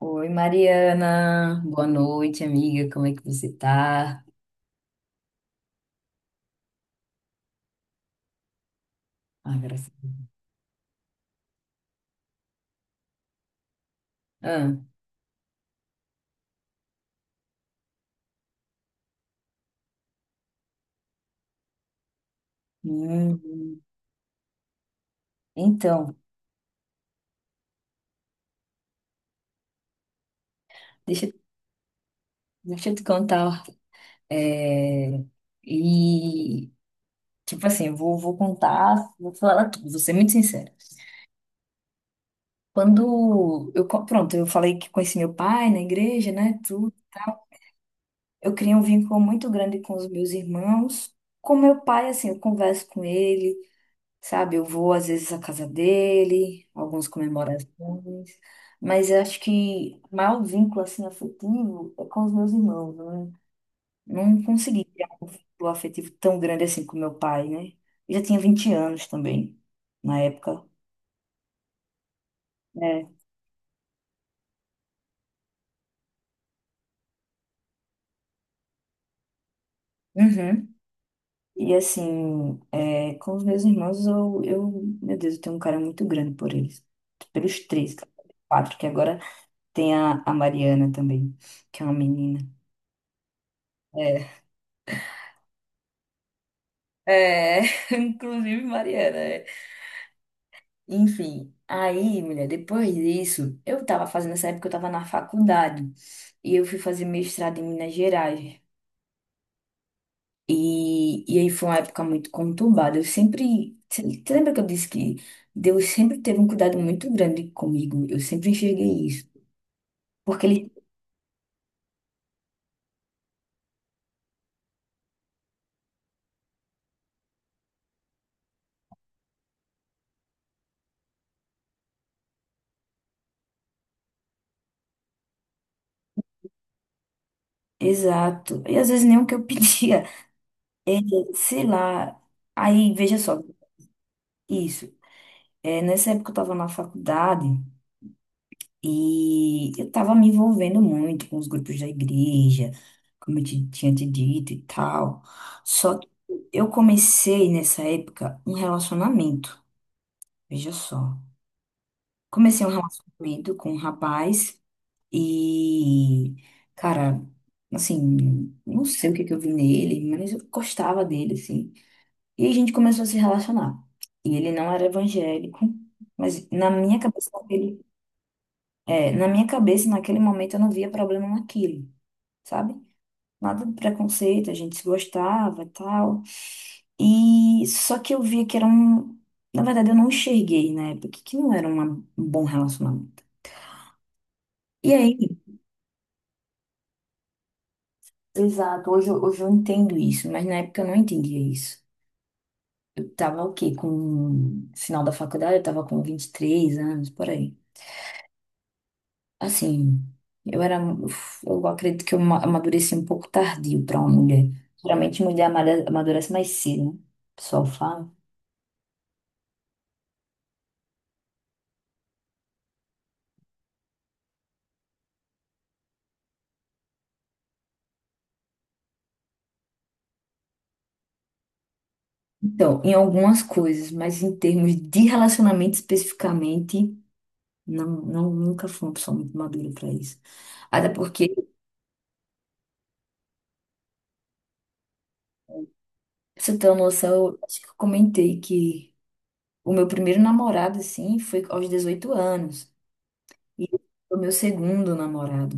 Oi, Mariana. Boa noite, amiga. Como é que você tá? Ah, graças a Deus. Ah, hum, então, deixa, deixa eu te contar. É, e, tipo assim, eu vou contar, vou falar tudo, vou ser muito sincera. Quando eu, pronto, eu falei que conheci meu pai na igreja, né, tudo. Eu criei um vínculo muito grande com os meus irmãos. Com meu pai, assim, eu converso com ele. Sabe, eu vou às vezes à casa dele, algumas comemorações, mas eu acho que o maior vínculo assim afetivo é com os meus irmãos, né? Não consegui criar um vínculo afetivo tão grande assim com meu pai, né? Eu já tinha 20 anos também, na época. É. Uhum. E assim, é, com os meus irmãos, meu Deus, eu tenho um carinho muito grande por eles. Pelos três, quatro, que agora tem a Mariana também, que é uma menina. É. É, inclusive Mariana. É. Enfim, aí, mulher, depois disso, eu tava fazendo nessa época, eu tava na faculdade e eu fui fazer mestrado em Minas Gerais. E aí foi uma época muito conturbada. Eu sempre. Você lembra que eu disse que Deus sempre teve um cuidado muito grande comigo? Eu sempre enxerguei isso. Porque ele. Exato. E às vezes nem o que eu pedia. É, sei lá. Aí, veja só, isso. É, nessa época eu tava na faculdade. E eu tava me envolvendo muito com os grupos da igreja, como eu tinha te dito e tal. Só que eu comecei nessa época um relacionamento, veja só. Comecei um relacionamento com um rapaz e, cara, assim, não sei o que que eu vi nele, mas eu gostava dele, assim. E a gente começou a se relacionar. E ele não era evangélico, mas na minha cabeça ele. É, na minha cabeça, naquele momento, eu não via problema naquilo, sabe? Nada de preconceito, a gente se gostava e tal. E só que eu via que era um. Na verdade, eu não enxerguei na época que não era um bom relacionamento. E aí, exato, hoje, hoje eu entendo isso, mas na época eu não entendia isso. Eu tava o quê? Com. Final da faculdade, eu tava com 23 anos, por aí. Assim, eu era, eu acredito que eu amadureci um pouco tardio para uma mulher. Geralmente mulher amadurece mais cedo, né? O pessoal fala. Então, em algumas coisas, mas em termos de relacionamento especificamente, não, não nunca fui uma pessoa muito madura para isso. Até porque, pra você ter uma noção, eu acho que eu comentei que o meu primeiro namorado, assim, foi aos 18 anos. E o meu segundo namorado.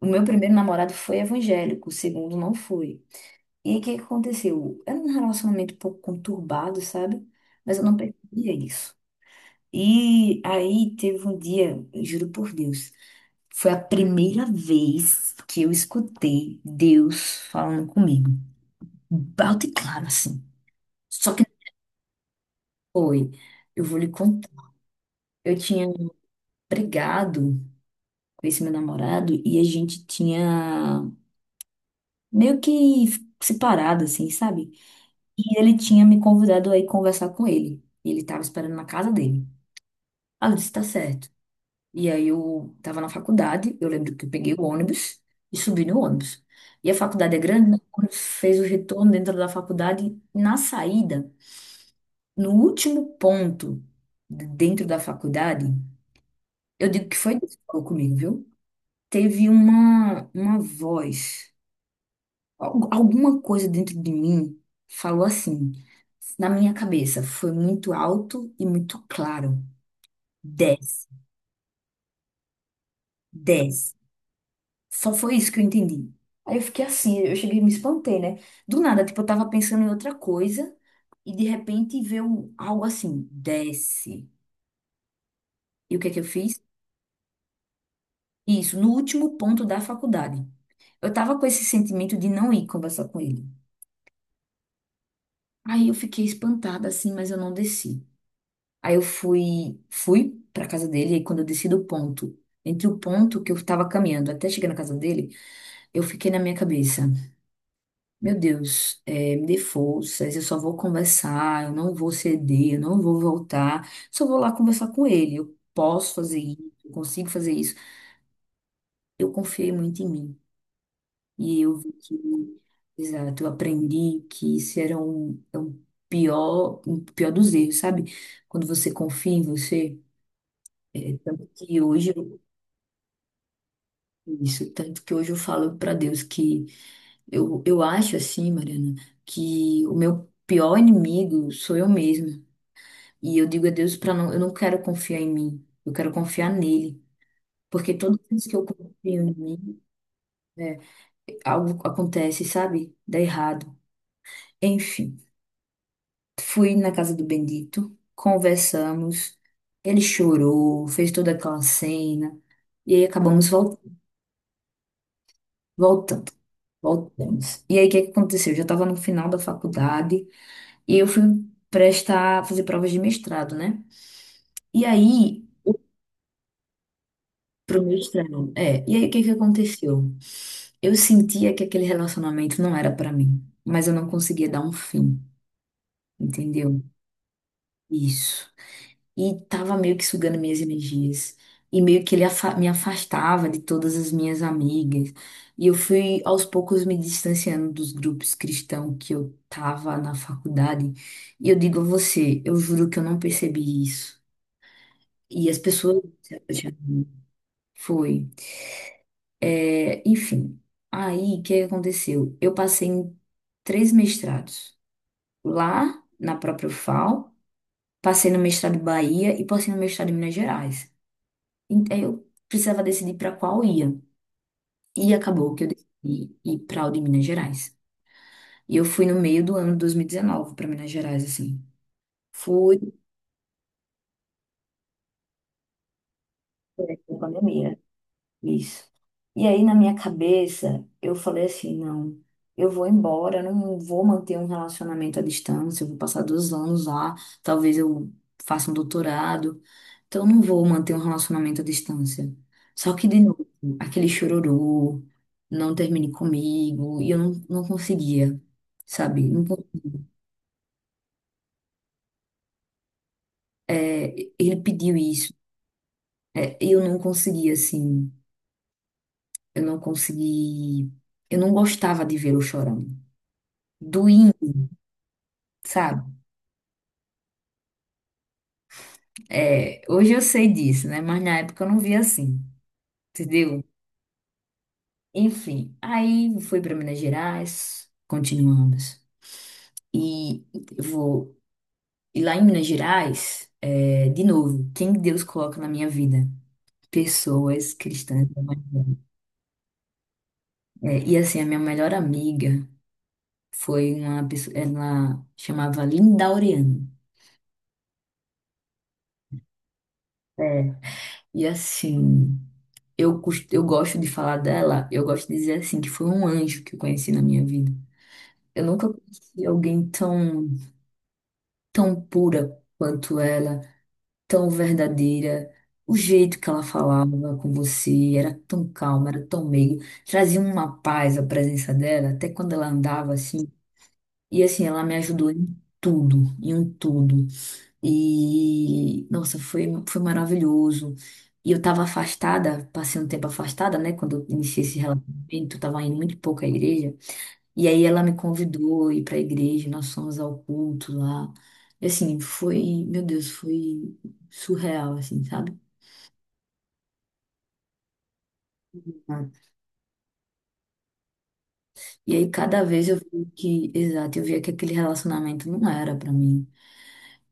O meu primeiro namorado foi evangélico, o segundo não foi. E aí, o que que aconteceu? Era um relacionamento um pouco conturbado, sabe? Mas eu não percebia isso. E aí teve um dia, eu juro por Deus, foi a primeira vez que eu escutei Deus falando comigo. Alto e claro, assim. Só que foi. Eu vou lhe contar. Eu tinha brigado com esse meu namorado e a gente tinha meio que separado, assim, sabe? E ele tinha me convidado a ir conversar com ele. E ele estava esperando na casa dele. Ela disse, tá certo. E aí eu tava na faculdade, eu lembro que eu peguei o ônibus e subi no ônibus. E a faculdade é grande, né? Quando fez o retorno dentro da faculdade, na saída, no último ponto dentro da faculdade, eu digo que foi Deus que falou comigo, viu? Teve uma voz, alguma coisa dentro de mim falou assim, na minha cabeça, foi muito alto e muito claro. Desce, desce. Só foi isso que eu entendi. Aí eu fiquei assim, eu cheguei e me espantei, né? Do nada, tipo, eu tava pensando em outra coisa e de repente veio algo assim, desce. E o que é que eu fiz? Isso, no último ponto da faculdade. Eu tava com esse sentimento de não ir conversar com ele. Aí eu fiquei espantada assim, mas eu não desci. Aí eu fui pra casa dele e quando eu desci do ponto, entre o ponto que eu tava caminhando até chegar na casa dele, eu fiquei na minha cabeça. Meu Deus, me dê forças, eu só vou conversar, eu não vou ceder, eu não vou voltar, só vou lá conversar com ele. Eu posso fazer isso, eu consigo fazer isso. Eu confiei muito em mim. E eu vi que, exato, eu aprendi que isso era um, é um pior dos erros, sabe? Quando você confia em você. Tanto que hoje eu, isso, tanto que hoje eu falo para Deus que eu acho assim, Mariana, que o meu pior inimigo sou eu mesma. E eu digo a Deus para não, eu não quero confiar em mim, eu quero confiar nele. Porque toda vez que eu confio em mim, é, algo acontece, sabe? Dá errado. Enfim, fui na casa do Bendito, conversamos, ele chorou, fez toda aquela cena, e aí acabamos voltando. Voltamos. E aí, o que que aconteceu? Eu já estava no final da faculdade e eu fui prestar, fazer provas de mestrado, né? E aí, pro meu extremo. É, e aí o que que aconteceu? Eu sentia que aquele relacionamento não era pra mim, mas eu não conseguia dar um fim, entendeu? Isso. E tava meio que sugando minhas energias. E meio que ele me afastava de todas as minhas amigas. E eu fui aos poucos me distanciando dos grupos cristãos que eu tava na faculdade. E eu digo a você, eu juro que eu não percebi isso. E as pessoas. Se apaixonaram. Foi. É, enfim, aí o que aconteceu? Eu passei em três mestrados. Lá, na própria FAO, passei no mestrado em Bahia e passei no mestrado em Minas Gerais. Então eu precisava decidir para qual ia. E acabou que eu decidi ir para o de Minas Gerais. E eu fui no meio do ano de 2019 para Minas Gerais, assim. Fui, durante a pandemia. Isso. E aí, na minha cabeça, eu falei assim: não, eu vou embora, eu não vou manter um relacionamento à distância, eu vou passar 2 anos lá, talvez eu faça um doutorado, então eu não vou manter um relacionamento à distância. Só que, de novo, aquele chororô, não termine comigo, e eu não, não conseguia, sabe? Não é, ele pediu isso, é, eu não conseguia, assim, eu não consegui, eu não gostava de vê-lo chorando. Doía, sabe? É, hoje eu sei disso, né? Mas na época eu não via assim, entendeu? Enfim, aí fui para Minas Gerais, continuamos. E eu vou e lá em Minas Gerais, é, de novo, quem Deus coloca na minha vida? Pessoas cristãs. Evangélicas. É, e assim, a minha melhor amiga foi uma pessoa, ela chamava Linda Oriano. É, e assim, eu, eu gosto de falar dela, eu gosto de dizer assim, que foi um anjo que eu conheci na minha vida. Eu nunca conheci alguém tão, tão pura quanto ela, tão verdadeira. O jeito que ela falava com você era tão calma, era tão meiga. Trazia uma paz a presença dela, até quando ela andava assim. E assim, ela me ajudou em tudo, em um tudo. E, nossa, foi, maravilhoso. E eu estava afastada, passei um tempo afastada, né? Quando eu iniciei esse relacionamento, eu estava indo muito pouco à igreja. E aí ela me convidou a ir para a igreja, nós fomos ao culto lá. E assim, foi, meu Deus, foi surreal, assim, sabe? Exato. E aí cada vez eu vi que, exato, eu via que aquele relacionamento não era para mim.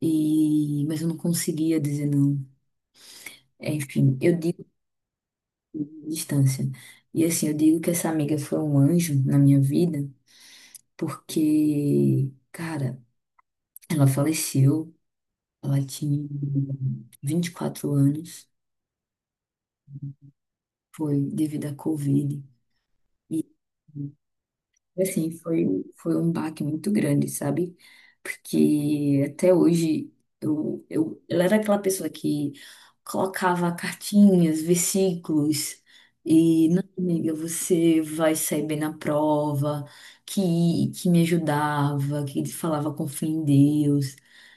E mas eu não conseguia dizer não. É, enfim, eu digo distância. E assim, eu digo que essa amiga foi um anjo na minha vida, porque, cara, ela faleceu, ela tinha 24 anos, foi devido à Covid. E, assim, foi um baque muito grande, sabe? Porque até hoje ela era aquela pessoa que colocava cartinhas, versículos, e não, amiga, você vai sair bem na prova, que me ajudava, que falava com fé em Deus,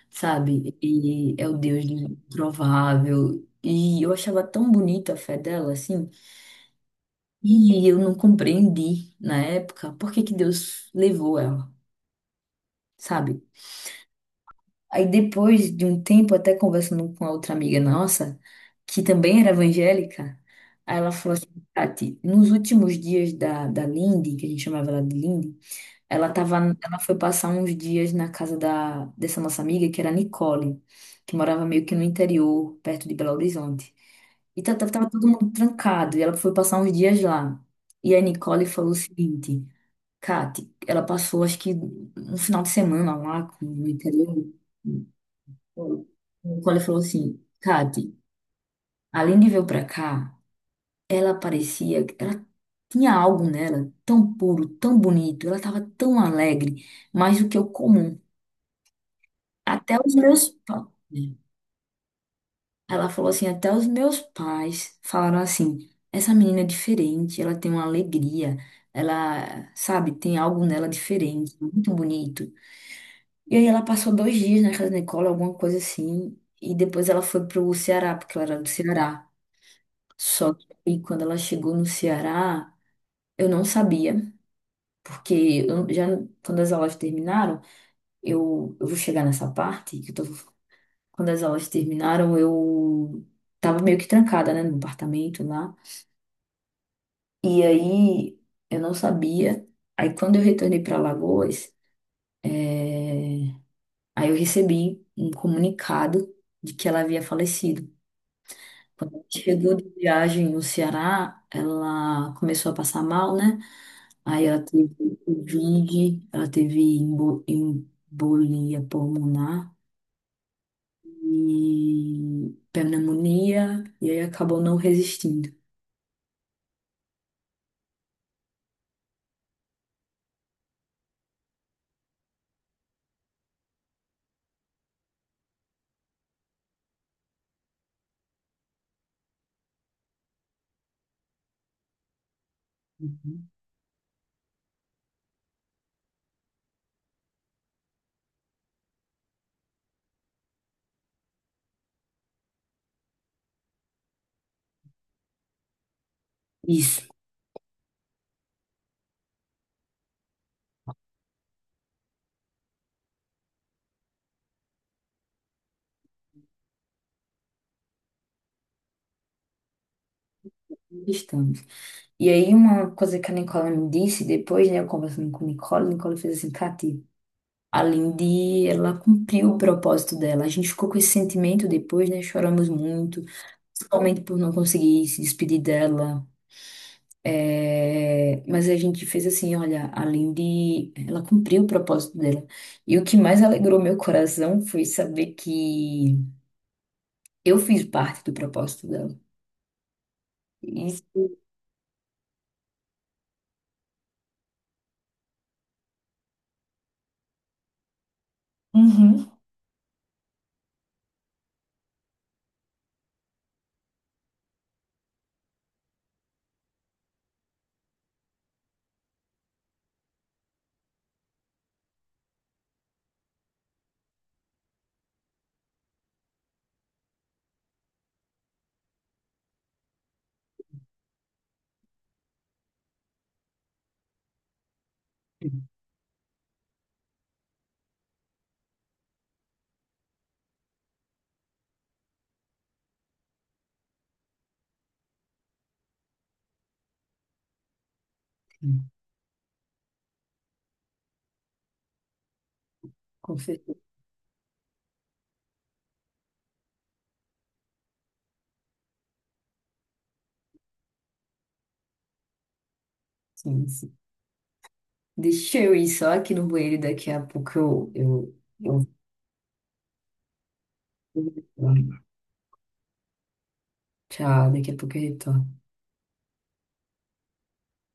sabe? E é o Deus do improvável. E eu achava tão bonita a fé dela, assim. E eu não compreendi na época por que que Deus levou ela, sabe? Aí depois de um tempo, até conversando com a outra amiga nossa, que também era evangélica, aí ela falou assim, Tati, nos últimos dias da Lindy, que a gente chamava ela de Lindy, ela tava, ela foi passar uns dias na casa dessa nossa amiga, que era a Nicole, que morava meio que no interior, perto de Belo Horizonte. E tava todo mundo trancado. E ela foi passar uns dias lá. E a Nicole falou o seguinte: Kate, ela passou acho que um final de semana lá no interior. A Nicole falou assim: Kate, além de vir pra cá, ela parecia. Ela tinha algo nela tão puro, tão bonito. Ela tava tão alegre, mais do que o comum. Até os meus pais. Né?" Ela falou assim, até os meus pais falaram assim, essa menina é diferente, ela tem uma alegria, ela, sabe, tem algo nela diferente, muito bonito. E aí ela passou 2 dias na casa da Nicole, alguma coisa assim, e depois ela foi pro Ceará, porque ela era do Ceará. Só que aí, quando ela chegou no Ceará, eu não sabia, porque eu já quando as aulas terminaram, eu vou chegar nessa parte, que eu tô, quando as aulas terminaram, eu tava meio que trancada, né, no apartamento lá. E aí eu não sabia. Aí quando eu retornei para Alagoas, eh, aí eu recebi um comunicado de que ela havia falecido. Chegou de viagem no Ceará, ela começou a passar mal, né? Aí ela teve Covid, ela teve embolia pulmonar e pneumonia, e aí acabou não resistindo. Uhum. Isso, estamos. E aí, uma coisa que a Nicole me disse depois, né, eu conversando com a Nicole fez assim, Cati, a Lindy, ela cumpriu o propósito dela. A gente ficou com esse sentimento depois, né, choramos muito, principalmente por não conseguir se despedir dela. É, mas a gente fez assim, olha, a Lindy, ela cumpriu o propósito dela. E o que mais alegrou meu coração foi saber que eu fiz parte do propósito dela. Isso. Uhum. Confesso. Sim. Deixa eu ir só aqui no banheiro e daqui a pouco eu, eu... tchau, daqui a pouco eu retorno.